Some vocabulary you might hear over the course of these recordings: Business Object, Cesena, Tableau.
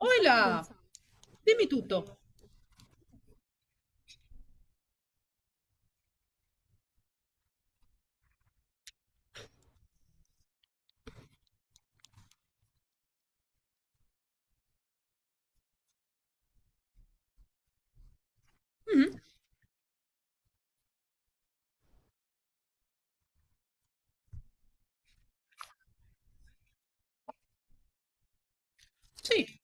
Oila, Pensa. Dimmi tutto. Mhm. Sì.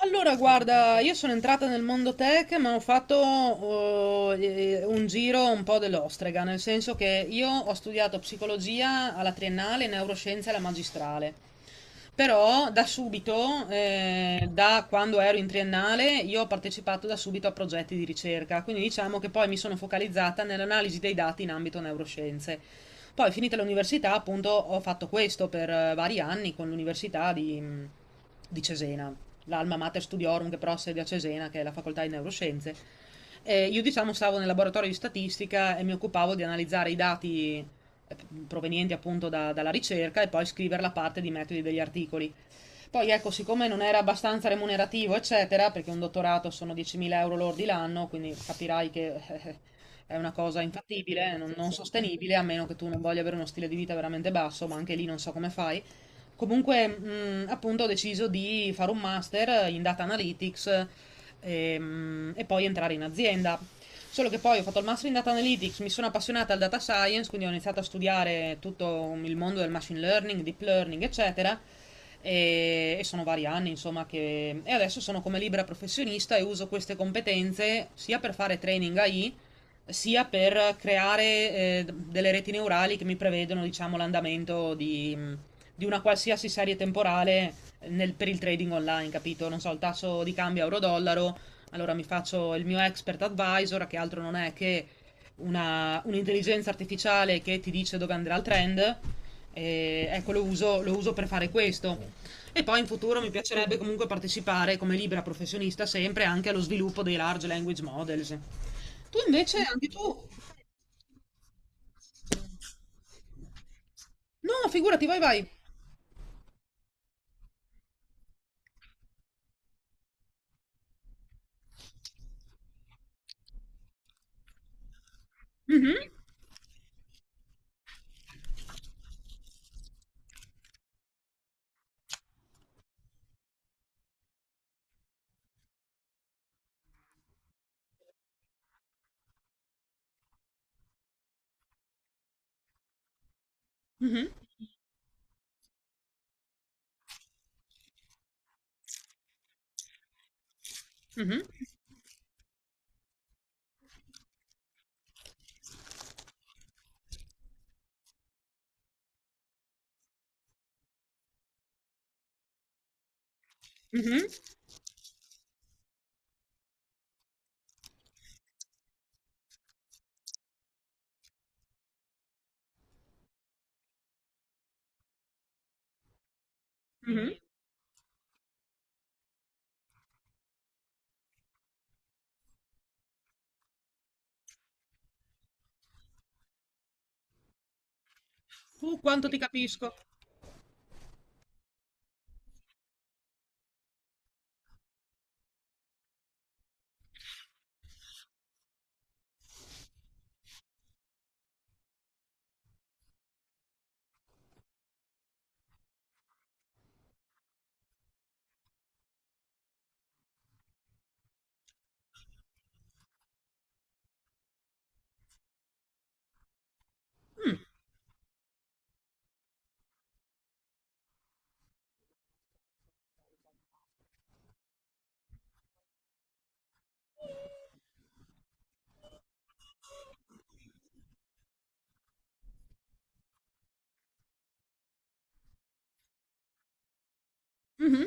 Allora, guarda, io sono entrata nel mondo tech, ma ho fatto un giro un po' dell'ostrega, nel senso che io ho studiato psicologia alla triennale, e neuroscienze alla magistrale. Però da subito, da quando ero in triennale, io ho partecipato da subito a progetti di ricerca, quindi diciamo che poi mi sono focalizzata nell'analisi dei dati in ambito neuroscienze. Poi, finita l'università, appunto, ho fatto questo per vari anni con l'università di Cesena, l'Alma Mater Studiorum che però ha sede a Cesena, che è la facoltà di neuroscienze. E io diciamo stavo nel laboratorio di statistica e mi occupavo di analizzare i dati eh, provenienti appunto dalla ricerca e poi scrivere la parte di metodi degli articoli. Poi ecco, siccome non era abbastanza remunerativo, eccetera, perché un dottorato sono 10.000 euro lordi l'anno, quindi capirai che è una cosa infattibile, non sostenibile, a meno che tu non voglia avere uno stile di vita veramente basso, ma anche lì non so come fai. Comunque, appunto, ho deciso di fare un master in data analytics, e, poi entrare in azienda. Solo che poi ho fatto il master in data analytics, mi sono appassionata al data science, quindi ho iniziato a studiare tutto il mondo del machine learning, deep learning, eccetera. E sono vari anni, insomma, che... E adesso sono come libera professionista e uso queste competenze sia per fare training AI, sia per creare delle reti neurali che mi prevedono, diciamo, l'andamento di una qualsiasi serie temporale per il trading online, capito? Non so, il tasso di cambio euro-dollaro, allora mi faccio il mio expert advisor, che altro non è che un'intelligenza artificiale che ti dice dove andrà il trend. E ecco, lo uso per fare questo. E poi in futuro mi piacerebbe comunque partecipare come libera professionista sempre anche allo sviluppo dei large language models. Tu invece, anche tu... No, figurati, vai, vai. Mhm, mhm, mhm, mhm, mhm. Tu quanto ti capisco. Mhm.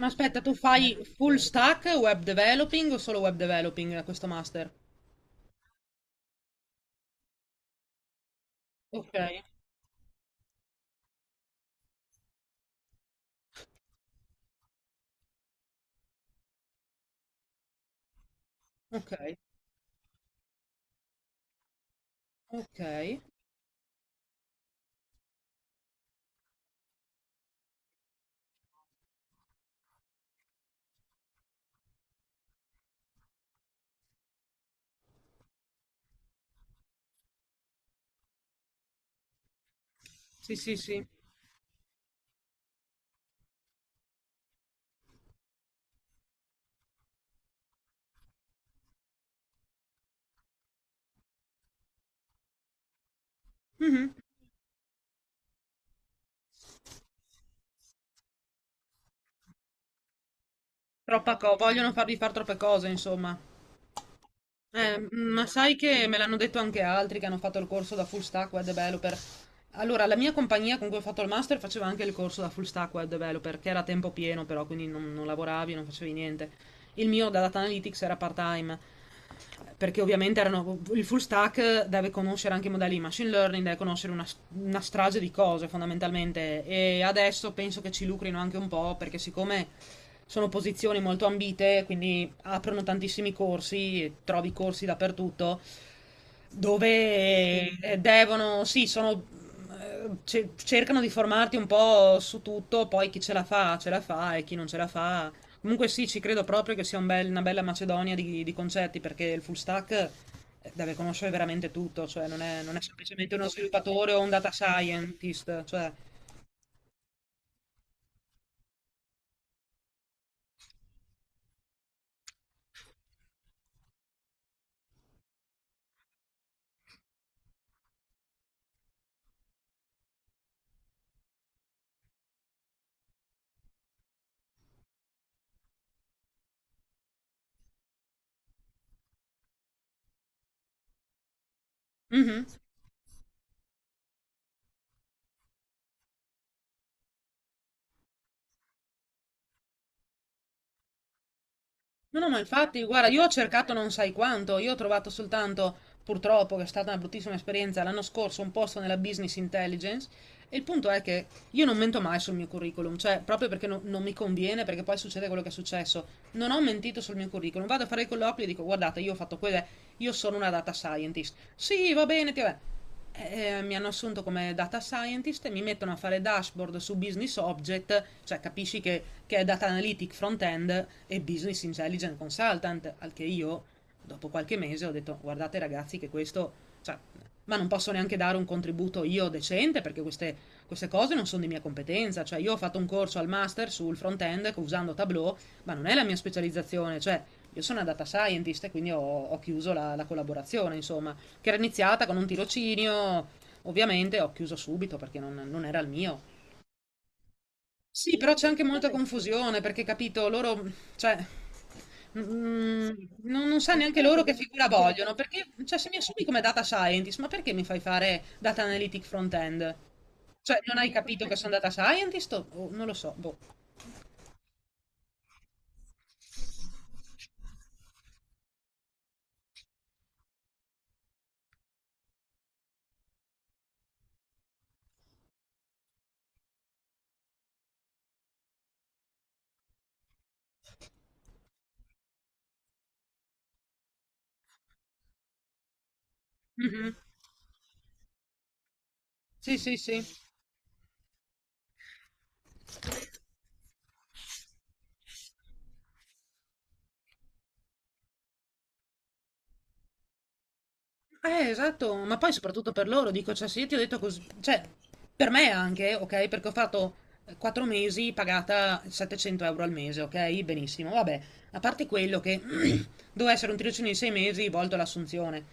Ma aspetta, tu fai full stack web developing o solo web developing a questo master? Ok, ok, ok. Sì, sì, sì. Mhm. Vogliono farvi fare troppe cose, insomma. Ma sai che me l'hanno detto anche altri che hanno fatto il corso da full stack web developer. Allora, la mia compagnia con cui ho fatto il master faceva anche il corso da full stack web developer, che era a tempo pieno però, quindi non lavoravi, non facevi niente. Il mio da data analytics era part-time, perché ovviamente erano, il full stack deve conoscere anche i modelli di machine learning, deve conoscere una strage di cose fondamentalmente, e adesso penso che ci lucrino anche un po' perché siccome sono posizioni molto ambite, quindi aprono tantissimi corsi, trovi corsi dappertutto dove devono, sì, sono cercano di formarti un po' su tutto, poi chi ce la fa e chi non ce la fa. Comunque sì, ci credo proprio che sia una bella macedonia di, concetti, perché il full stack deve conoscere veramente tutto, cioè non è semplicemente uno sviluppatore o un data scientist, cioè... Mhm. No, no, ma infatti, guarda, io ho cercato non sai quanto, io ho trovato soltanto, purtroppo, che è stata una bruttissima esperienza, l'anno scorso un posto nella business intelligence, e il punto è che io non mento mai sul mio curriculum, cioè proprio perché non mi conviene, perché poi succede quello che è successo. Non ho mentito sul mio curriculum, vado a fare i colloqui e dico, guardate, io ho fatto quelle, io sono una data scientist. Sì, va bene, ti vabbè. Mi hanno assunto come data scientist e mi mettono a fare dashboard su business object, cioè capisci che, è data analytic front end e business intelligence consultant, al che io dopo qualche mese ho detto guardate ragazzi che questo, cioè, ma non posso neanche dare un contributo io decente perché queste cose non sono di mia competenza, cioè io ho fatto un corso al master sul front end usando Tableau, ma non è la mia specializzazione, cioè io sono una data scientist e quindi ho chiuso la collaborazione, insomma, che era iniziata con un tirocinio. Ovviamente ho chiuso subito perché non era il mio. Sì, però c'è anche molta confusione perché, capito, loro, cioè, mm, mm, non sa neanche loro che figura vogliono. Perché, cioè, se mi assumi come data scientist, ma perché mi fai fare data analytic front-end? Cioè, non hai capito che sono data scientist? O non lo so, boh. Mhm. Sì, sì, sì. Esatto, ma poi soprattutto per loro, dico, cioè, se io ti ho detto così, cioè, per me anche, ok, perché ho fatto 4 mesi pagata 700 euro al mese, ok, benissimo, vabbè, a parte quello che doveva essere un tirocinio di 6 mesi volto all'assunzione,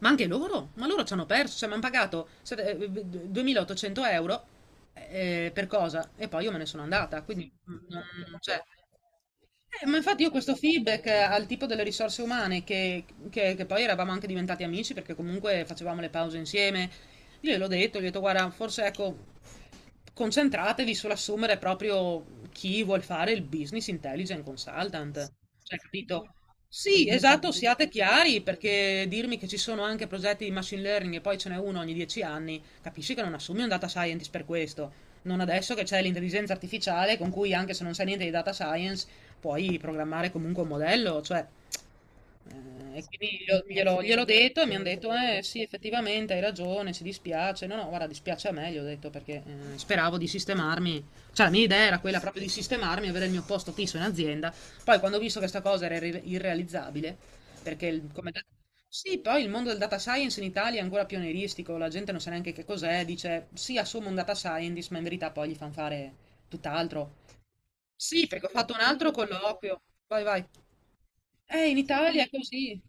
ma anche loro? Ma loro ci hanno perso, cioè mi hanno pagato 2800 euro per cosa? E poi io me ne sono andata, quindi non, cioè, ma infatti io questo feedback al tipo delle risorse umane, che, che poi eravamo anche diventati amici perché comunque facevamo le pause insieme, io gliel'ho detto, gli ho detto guarda, forse ecco, concentratevi sull'assumere proprio chi vuol fare il business intelligent consultant, cioè capito? Sì, esatto, siate chiari, perché dirmi che ci sono anche progetti di machine learning e poi ce n'è uno ogni 10 anni, capisci che non assumi un data scientist per questo. Non adesso che c'è l'intelligenza artificiale con cui anche se non sai niente di data science puoi programmare comunque un modello, cioè e quindi gliel'ho detto e mi hanno detto, eh sì, effettivamente hai ragione, ci dispiace. No, no, guarda, dispiace a me, gli ho detto, perché speravo di sistemarmi. Cioè, la mia idea era quella proprio di sistemarmi, avere il mio posto fisso in azienda. Poi, quando ho visto che questa cosa era irrealizzabile, perché Sì, poi il mondo del data science in Italia è ancora pionieristico, la gente non sa neanche che cos'è, dice, sì, assumo un data scientist, ma in verità poi gli fanno fare tutt'altro. Sì, perché ho fatto un altro colloquio. Vai, vai. In Italia è così.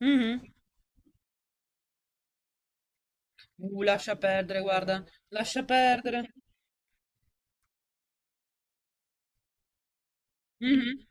Mhm. Lascia perdere, guarda, lascia perdere. Mhm.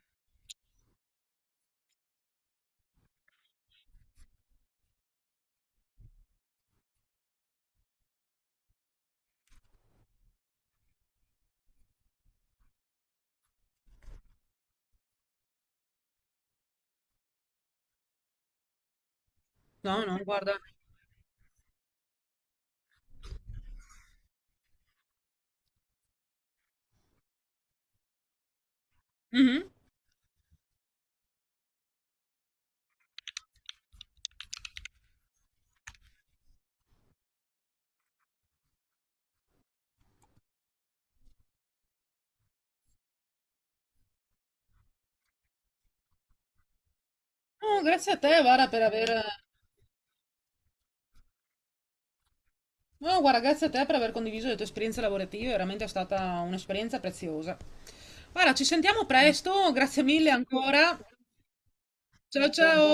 No, no, guarda. Mhm. No, grazie a te, Vara, per aver... No, guarda, grazie a te per aver condiviso le tue esperienze lavorative, veramente è stata un'esperienza preziosa. Guarda, ci sentiamo presto, grazie mille ancora. Ciao ciao.